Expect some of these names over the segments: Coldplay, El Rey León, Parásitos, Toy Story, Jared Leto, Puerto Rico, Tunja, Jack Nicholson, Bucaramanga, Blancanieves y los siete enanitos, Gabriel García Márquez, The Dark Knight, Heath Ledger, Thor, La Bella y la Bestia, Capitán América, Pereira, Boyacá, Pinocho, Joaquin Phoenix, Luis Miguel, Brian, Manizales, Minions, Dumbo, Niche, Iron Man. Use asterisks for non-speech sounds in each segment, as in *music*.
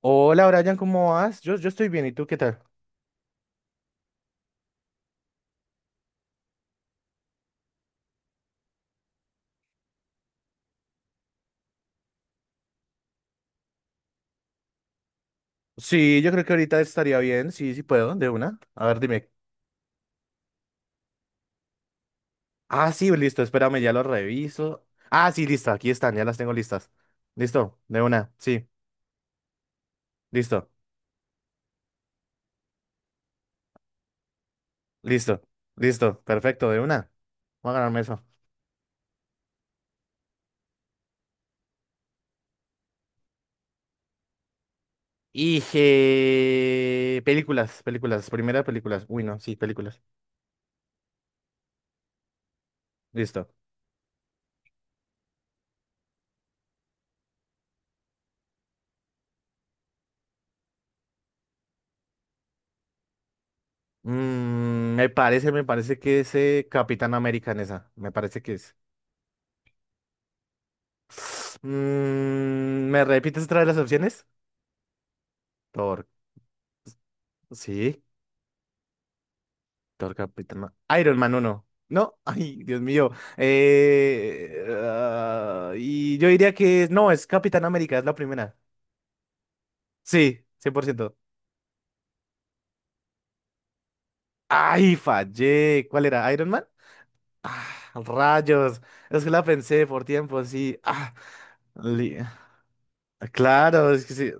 Hola, Brian, ¿cómo vas? Yo estoy bien, ¿y tú qué tal? Sí, yo creo que ahorita estaría bien, sí, sí puedo, de una. A ver, dime. Ah, sí, listo, espérame, ya lo reviso. Ah, sí, listo, aquí están, ya las tengo listas. Listo, de una, sí, listo, listo, listo, perfecto, de una. Voy a ganarme eso. Y películas, primera películas. Uy, no, sí, películas. Listo. Me parece que es Capitán América en esa. Me parece que es. ¿Me repites otra vez las opciones? Thor, sí, Thor Capitán Ma- Iron Man 1. No, *laughs* ay, Dios mío. Y yo diría que no, es Capitán América, es la primera. Sí, 100%. Ay, fallé. ¿Cuál era? ¿Iron Man? Ah, rayos. Es que la pensé por tiempo, sí. Ah, li- claro, es que sí.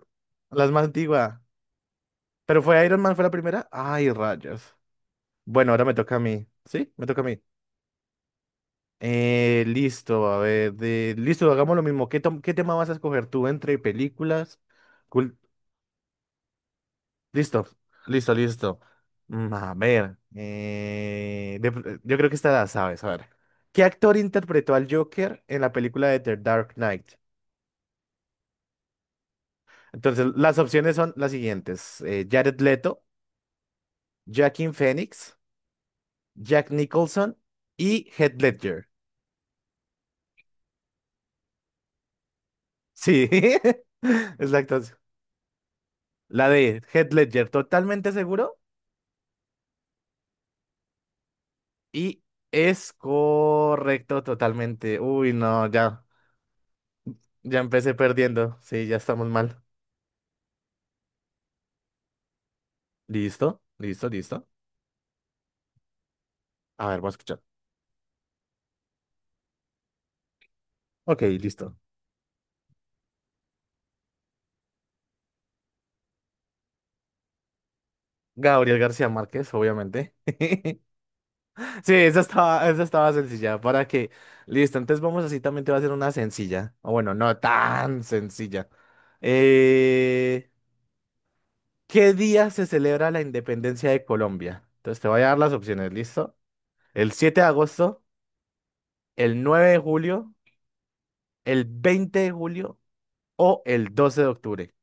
La más antigua. ¿Pero fue Iron Man, fue la primera? Ay, rayos. Bueno, ahora me toca a mí. ¿Sí? Me toca a mí. Listo, a ver, listo, hagamos lo mismo. ¿Qué tema vas a escoger tú entre películas? cul- Listo, listo, listo. A ver, yo creo que esta la sabes. A ver, ¿qué actor interpretó al Joker en la película de The Dark Knight? Entonces, las opciones son las siguientes: Jared Leto, Joaquin Phoenix, Jack Nicholson y Heath Ledger. Sí, *laughs* exacto. La de Heath Ledger, ¿totalmente seguro? Y es correcto totalmente. Uy, no, ya, ya empecé perdiendo. Sí, ya estamos mal. Listo, listo, listo. A ver, voy a escuchar. Ok, listo. Gabriel García Márquez, obviamente. *laughs* Sí, esa estaba sencilla. ¿Para que Listo, entonces vamos así, también te va a hacer una sencilla. O bueno, no tan sencilla. Eh, ¿Qué día se celebra la independencia de Colombia? Entonces te voy a dar las opciones, ¿listo? El 7 de agosto, el 9 de julio, el 20 de julio o el 12 de octubre.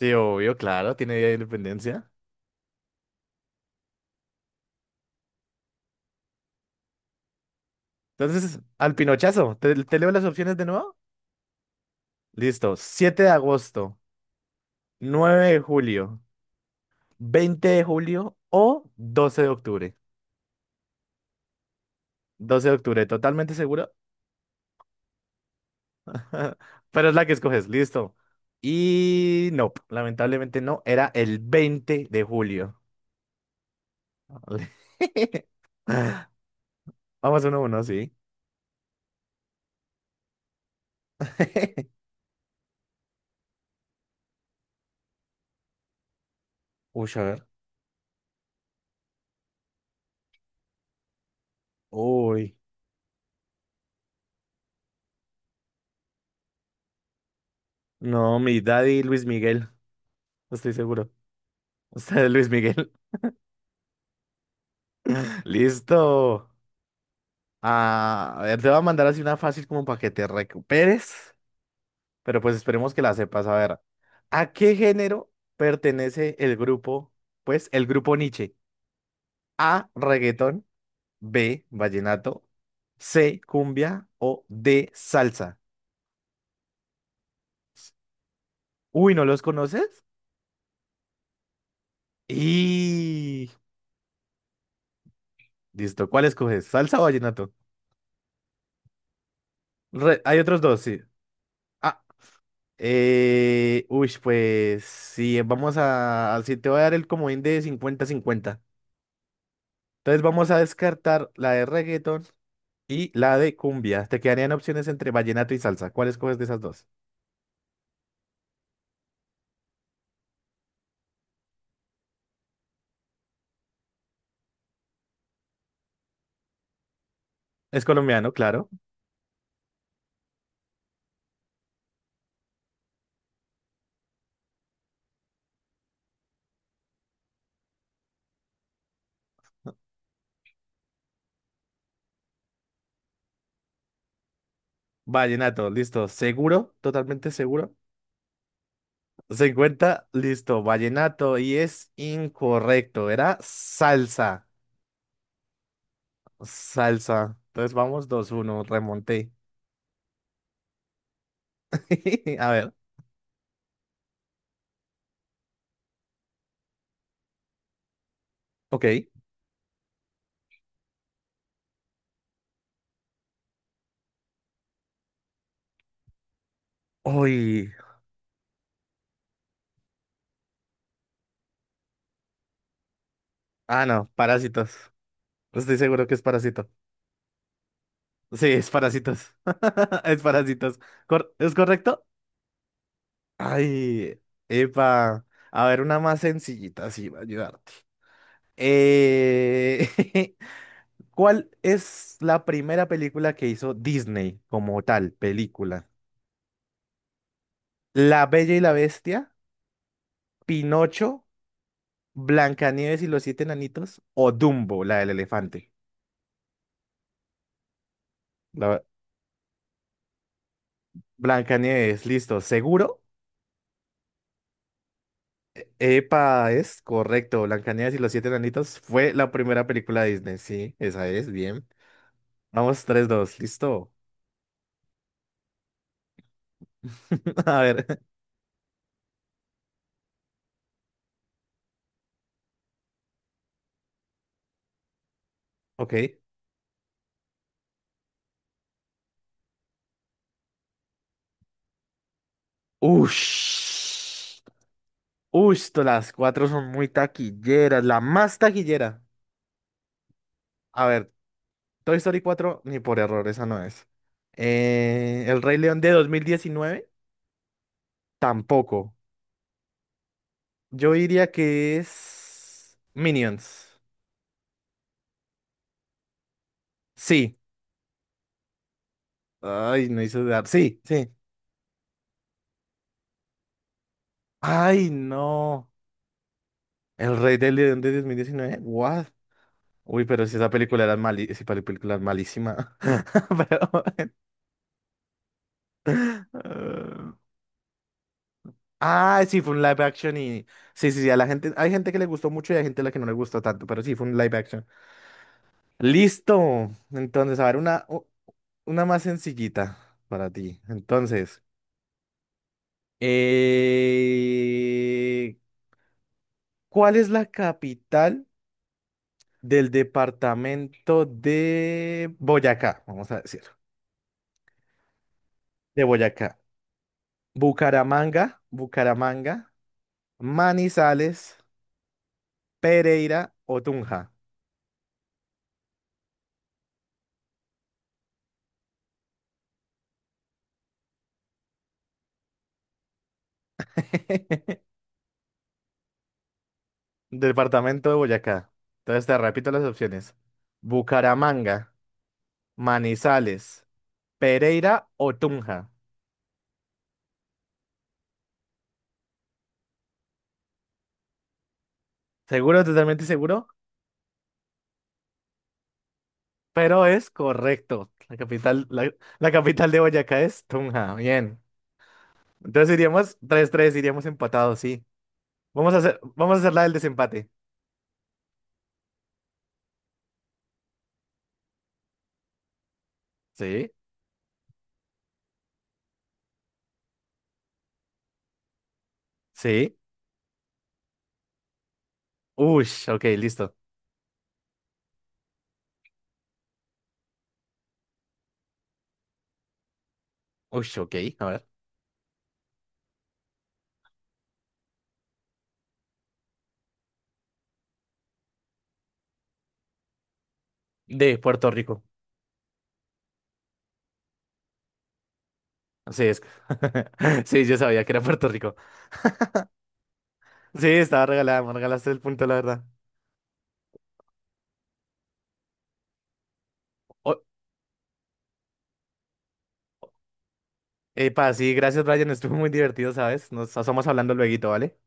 Sí, obvio, claro, tiene Día de Independencia. Entonces, al pinochazo, ¿te leo las opciones de nuevo? Listo, 7 de agosto, 9 de julio, 20 de julio o 12 de octubre. 12 de octubre, totalmente seguro. *laughs* Pero es la que escoges, listo. Y no, lamentablemente no, era el 20 de julio. *laughs* Vamos 1-1, sí. *laughs* Uy, a ver. Uy. No, mi daddy Luis Miguel, estoy seguro. *laughs* Usted es Luis Miguel. *laughs* Listo. Ah, a ver, te voy a mandar así una fácil como para que te recuperes, pero pues esperemos que la sepas. A ver, ¿a qué género pertenece el grupo? Pues el grupo Niche. A, reggaetón, B, vallenato, C, cumbia o D, salsa. Uy, ¿no los conoces? Y listo, ¿cuál escoges? ¿Salsa o vallenato? Hay otros dos, sí. Ah. Uy, pues sí, si te voy a dar el comodín de 50-50. Entonces vamos a descartar la de reggaeton y la de cumbia. Te quedarían opciones entre vallenato y salsa. ¿Cuál escoges de esas dos? Es colombiano, claro. Vallenato, listo. ¿Seguro? Totalmente seguro. 50, listo. Vallenato y es incorrecto. Era salsa. Salsa. Entonces vamos 2-1. Remonté. *laughs* A ver, ok. Uy. Ah, no, parásitos. Estoy seguro que es parásito. Sí, es parásitos. *laughs* Es parásitos. ¿Es correcto? Ay, epa. A ver, una más sencillita, así va a ayudarte. Eh, *laughs* ¿Cuál es la primera película que hizo Disney como tal, película? ¿La Bella y la Bestia, Pinocho, Blancanieves y los siete enanitos o Dumbo, la del elefante? La Blancanieves, listo, ¿seguro? Epa, es correcto. Blancanieves y los siete enanitos fue la primera película de Disney. Sí, esa es, bien. Vamos, 3-2, listo. *laughs* A ver, ok. Ush. Ush, las cuatro son muy taquilleras, la más taquillera. A ver, Toy Story 4 ni por error, esa no es. El Rey León de 2019, tampoco. Yo diría que es Minions. Sí. Ay, no hizo dudar. Sí, sí. Ay, no. El Rey del León de 2019, What? Uy, pero si esa película era mali esa película es malísima. *laughs* Pero bueno. Eh, sí, fue un live action y. Sí, sí, sí. A la gente, hay gente que le gustó mucho y hay gente a la que no le gustó tanto, pero sí, fue un live action. Listo. Entonces, a ver, una más sencillita para ti. Entonces, eh, ¿cuál es la capital del departamento de Boyacá? Vamos a decir. De Boyacá. Bucaramanga, Manizales, Pereira o Tunja. *laughs* Departamento de Boyacá. Entonces te repito las opciones. Bucaramanga, Manizales, Pereira o Tunja. Seguro, totalmente seguro, pero es correcto. La capital de Boyacá es Tunja. Bien. Entonces iríamos 3-3, iríamos empatados, sí. Vamos a hacer la del desempate. Sí, sí. Ush, ok, listo. Ush, ok, a ver. De Puerto Rico. Así es. *laughs* Sí, yo sabía que era Puerto Rico. Sí, estaba regalada, me regalaste el punto, la verdad. Oh, epa, sí, gracias, Brian. Estuvo muy divertido, ¿sabes? Nos estamos hablando luego, ¿vale?